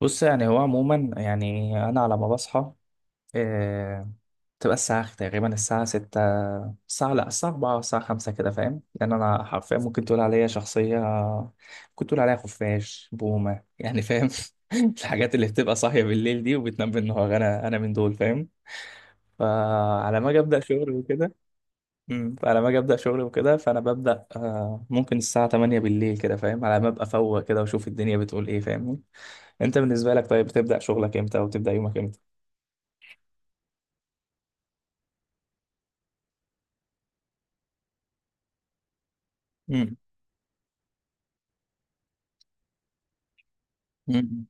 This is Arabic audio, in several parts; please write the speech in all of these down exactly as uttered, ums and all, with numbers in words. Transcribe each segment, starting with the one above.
بص يعني هو عموما يعني انا على ما بصحى آه، تبقى الساعه تقريبا الساعه ستة. الساعه لا، الساعه الرابعة الساعه خمسة، كده فاهم؟ لان انا حرفيا ممكن تقول عليا شخصيه كنت تقول عليها خفاش بومه يعني، فاهم؟ الحاجات اللي بتبقى صاحيه بالليل دي وبتنام بالنهار، انا انا من دول فاهم. فعلى ما اجي ابدا شغل وكده. مم، فعلى ما اجي ابدا شغل وكده، فانا ببدا آه، ممكن الساعه تمانية بالليل كده، فاهم؟ على ما ابقى فوق كده واشوف الدنيا بتقول ايه، فاهمني. انت بالنسبه لك طيب، بتبدا شغلك امتى او بتبدا يومك امتى؟ مم. مم.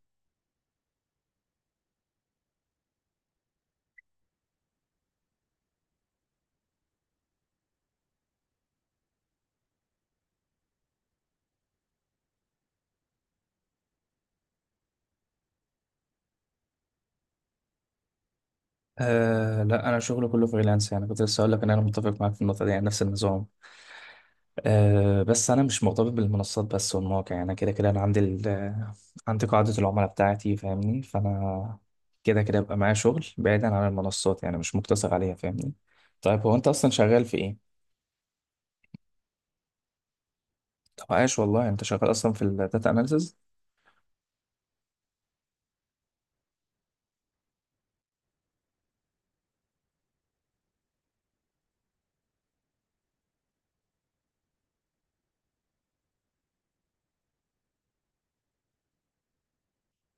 أه لا، انا شغلي كله فريلانس يعني، كنت لسه اقول لك ان انا متفق معاك في النقطه دي، يعني نفس النظام. أه بس انا مش مرتبط بالمنصات بس والمواقع، يعني كده كده انا عندي ال- آه، عندي قاعده العملاء بتاعتي فاهمني، فانا كده كده بقى معايا شغل بعيدا عن المنصات، يعني مش مقتصر عليها فاهمني. طيب هو انت اصلا شغال في ايه؟ طب عاش والله، انت شغال اصلا في الداتا اناليسز.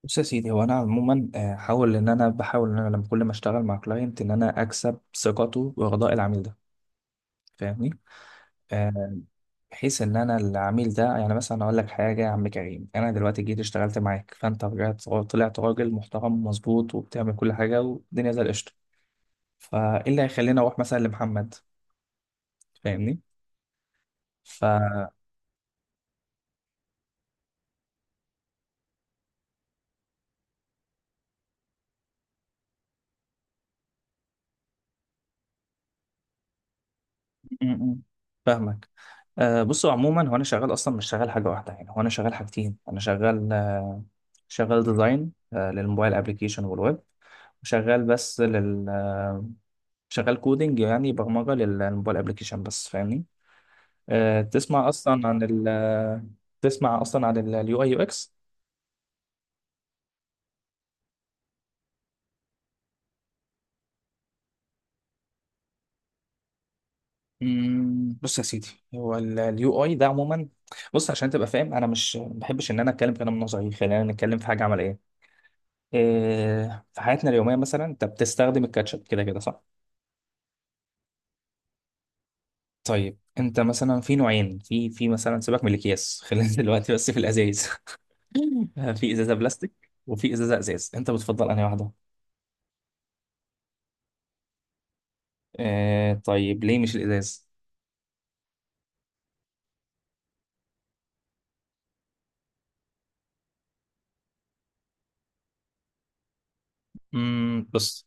بص يا سيدي، هو انا عموما آه، حاول ان انا بحاول ان انا لما كل ما اشتغل مع كلاينت ان انا اكسب ثقته ورضاء العميل ده، فاهمني. آه، بحيث ان انا العميل ده، يعني مثلا اقول لك حاجه، يا عم كريم انا دلوقتي جيت اشتغلت معاك، فانت رجعت طلعت راجل محترم ومظبوط وبتعمل كل حاجه والدنيا زي القشطه، فايه اللي هيخليني اروح مثلا لمحمد؟ فاهمني. ف م- م. فاهمك. آه بصوا، عموما هو انا شغال اصلا مش شغال حاجه واحده، يعني هو انا شغال حاجتين. انا شغال آه شغال ديزاين آه للموبايل ابلكيشن والويب، وشغال بس لل آه، شغال كودينج، يعني برمجه للموبايل ابلكيشن بس فاهمني. آه، تسمع اصلا عن ال آه، تسمع اصلا عن اليو اي يو اكس؟ مم، بص يا سيدي، هو اليو اي ده عموما، بص عشان تبقى فاهم، انا مش ما بحبش ان انا اتكلم كلام نظري، خلينا نتكلم في حاجه عمليه. إيه، في حياتنا اليومية مثلا انت بتستخدم الكاتشب كده كده، صح؟ طيب انت مثلا في نوعين، في في مثلا، سيبك من الاكياس، خلينا دلوقتي بس في الازايز. في ازازة بلاستيك وفي ازازة ازاز، انت بتفضل انهي واحدة؟ إيه، طيب ليه مش الازاز؟ امم، بص.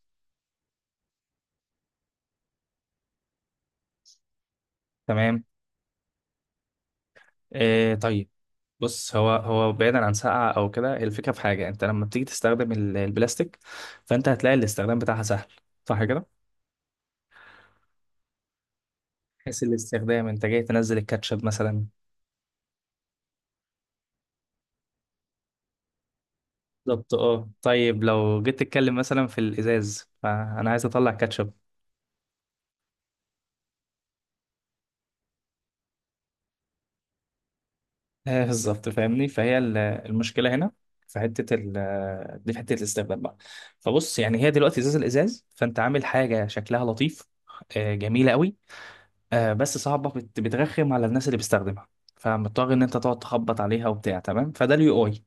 تمام. إيه، طيب. بص هو هو بعيدا عن ساقعة او كده، الفكرة في حاجة، انت لما بتيجي تستخدم ال- البلاستيك، فانت هتلاقي الاستخدام بتاعها سهل، صح كده؟ حيث الاستخدام، انت جاي تنزل الكاتشب مثلا. بالظبط، اه طيب لو جيت تتكلم مثلا في الازاز، فانا عايز اطلع كاتشب. آه بالظبط فاهمني، فهي ال- المشكله هنا في حته ال دي، في حته الاستخدام بقى. فبص يعني هي دلوقتي ازاز، الازاز فانت عامل حاجه شكلها لطيف آه جميله قوي، آه بس صعبه، بت- بترخم على الناس اللي بتستخدمها، فمضطر ان انت تقعد تخبط عليها وبتاع، تمام؟ فده اليو اي.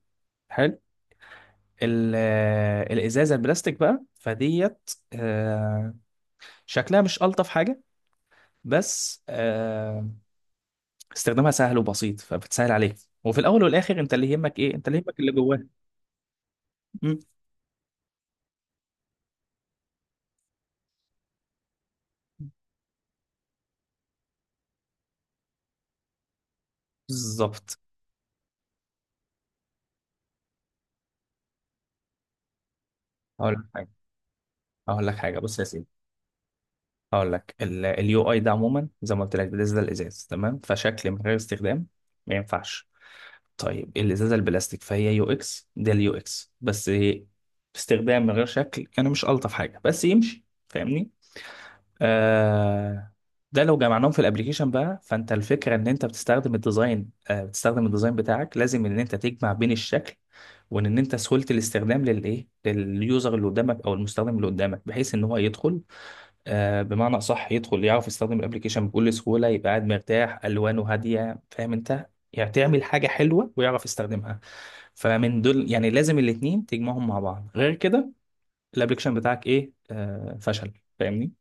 حلو. ال- آه، الازازه البلاستيك بقى فديت آه، شكلها مش الطف حاجه، بس آه، استخدامها سهل وبسيط فبتسهل عليك. وفي الاول والاخر انت اللي يهمك ايه؟ انت اللي يهمك اللي جواه. مم. بالظبط. هقول لك حاجه هقول لك حاجه بص يا سيدي، هقول لك اليو اي ده عموما زي ما قلت لك، ده ده الازاز تمام، فشكل من غير استخدام ما ينفعش. طيب الازازه البلاستيك فهي يو اكس، ده اليو اكس بس استخدام من غير شكل، يعني مش الطف حاجه بس يمشي فاهمني. آه، ده لو جمعناهم في الابليكيشن بقى، فانت الفكره ان انت بتستخدم الديزاين آه بتستخدم الديزاين بتاعك، لازم ان انت تجمع بين الشكل وان إن انت سهوله الاستخدام، للايه؟ لليوزر اللي قدامك او المستخدم اللي قدامك، بحيث ان هو يدخل آه بمعنى اصح يدخل يعرف يستخدم الابليكيشن بكل سهوله، يبقى قاعد مرتاح، الوانه هاديه فاهم انت، يعني تعمل حاجه حلوه ويعرف يستخدمها. فمن دول يعني لازم الاتنين تجمعهم مع بعض، غير كده الابليكيشن بتاعك ايه؟ آه فشل، فاهمني.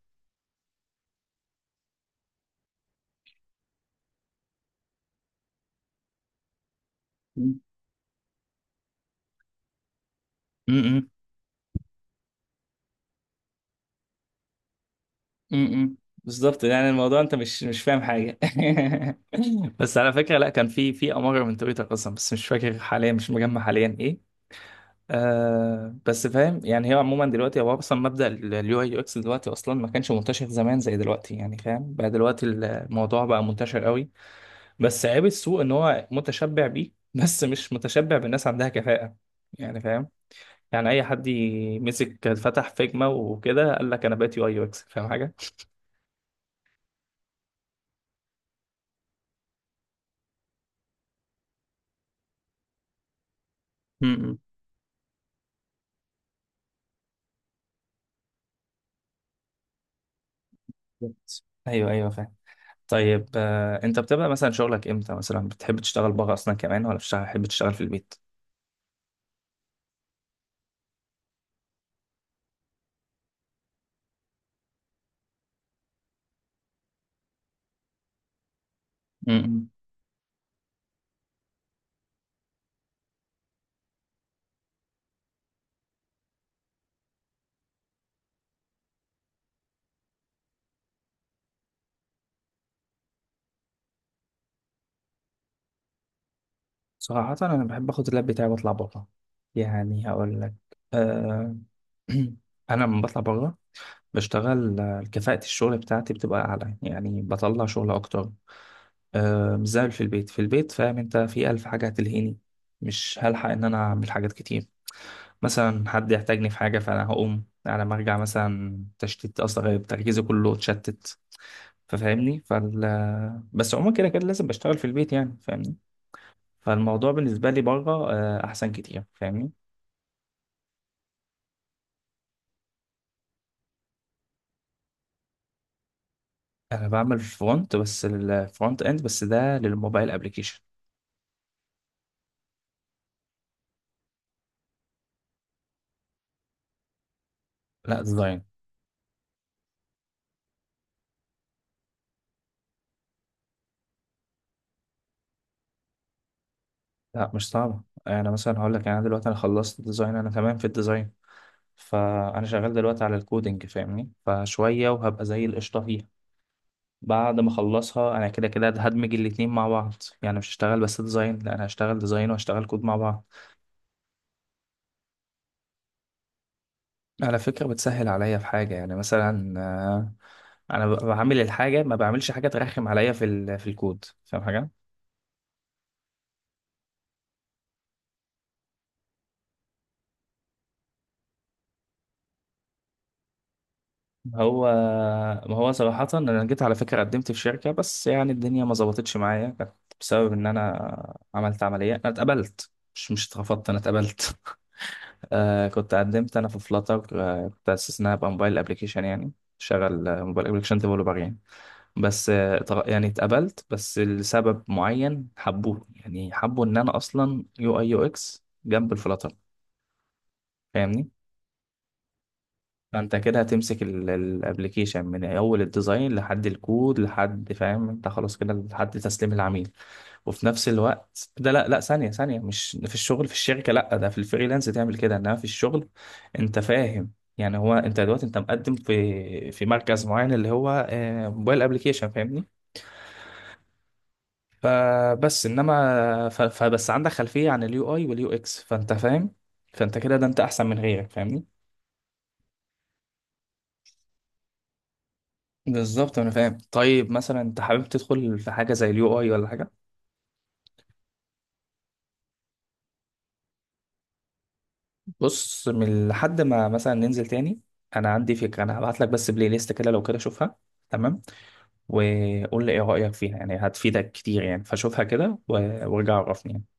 امم. بالظبط، يعني الموضوع انت مش مش فاهم حاجه. بس على فكره لا، كان في في اماره من تويتر اصلا، بس مش فاكر حاليا، مش مجمع حاليا ايه. آه بس فاهم يعني، هي عموما دلوقتي هو اصلا مبدا اليو اي يو اكس دلوقتي اصلا ما كانش منتشر زمان زي دلوقتي، يعني فاهم بقى دلوقتي الموضوع بقى منتشر قوي، بس عيب السوق ان هو متشبع بيه بس مش متشبع بالناس عندها كفاءه، يعني فاهم. يعني اي حد يمسك فتح فيجما وكده قال لك انا بقيت يو اي يو اكس فاهم حاجه. بالظبط. ايوه، ايوه، فاهم. طيب آه، انت بتبقى مثلا شغلك امتى مثلا؟ بتحب تشتغل بره اصلا كمان ولا بتشتغل- بتحب تشتغل في البيت؟ امم. صراحة أنا بحب أخد اللاب بتاعي وأطلع بره، يعني هقول لك، أه. أنا لما بطلع بره بشتغل، آه، كفاءة الشغل بتاعتي بتبقى أعلى، يعني بطلع شغل أكتر، أه مش زي في البيت. في البيت فاهم أنت، في ألف حاجة هتلهيني، مش هلحق إن أنا أعمل حاجات كتير. مثلا حد يحتاجني في حاجة، فأنا هقوم، على ما أرجع مثلا تشتيت أصلا، غير تركيزي كله اتشتت، ففاهمني. فال بس عموما كده كده لازم بشتغل في البيت، يعني فاهمني. فالموضوع بالنسبة لي بره آه، أحسن كتير فاهمني. أنا بعمل فرونت بس، الفرونت إند بس، ده للموبايل أبلكيشن. لا ديزاين. لا مش صعبة، أنا مثلا هقول لك يعني، أنا دلوقتي أنا خلصت ديزاين، أنا تمام في الديزاين، فأنا شغال دلوقتي على الكودينج فاهمني، فشوية وهبقى زي القشطة فيها. بعد ما اخلصها انا كده كده هدمج الاتنين مع بعض، يعني مش هشتغل بس ديزاين، لا انا هشتغل ديزاين وهشتغل كود مع بعض. على فكرة بتسهل عليا في حاجة يعني، مثلا آه، انا ب- بعمل الحاجة، ما بعملش حاجة ترخم عليا في ال- في الكود، فاهم حاجة؟ هو ما هو صراحة انا جيت على فكرة قدمت في شركة، بس يعني الدنيا ما ظبطتش معايا، كانت بسبب ان انا عملت عملية. انا اتقبلت، مش مش اترفضت، انا اتقبلت. آه كنت قدمت انا في فلاتر، آه كنت اساس انها ابقى موبايل ابلكيشن يعني، شغل آه، موبايل ابلكيشن ديفلوبر يعني، بس آه اتغ- يعني اتقبلت، بس لسبب معين حبوه، يعني حبوا ان انا اصلا يو اي يو اكس جنب الفلاتر، فاهمني. فانت كده هتمسك الابلكيشن من اول الديزاين لحد الكود، لحد فاهم انت، خلاص كده لحد تسليم العميل. وفي نفس الوقت ده لا، لا، ثانية، ثانية، مش في الشغل، في الشركة لا، ده في الفريلانس تعمل كده، انما في الشغل انت فاهم، يعني هو انت دلوقتي انت مقدم في في مركز معين اللي هو آه، موبايل ابلكيشن فاهمني، فبس انما ف- فبس عندك خلفية عن اليو اي واليو اكس، فانت فاهم، فانت كده ده انت احسن من غيرك فاهمني. بالظبط انا فاهم. طيب مثلا انت حابب تدخل في حاجة زي اليو اي ولا حاجة؟ بص، من لحد ما مثلا ننزل تاني، انا عندي فكرة، انا هبعت لك بس بلاي ليست كده، لو كده شوفها تمام، وقول لي ايه رأيك فيها، يعني هتفيدك كتير يعني، فشوفها كده و- وارجع عرفني يعني.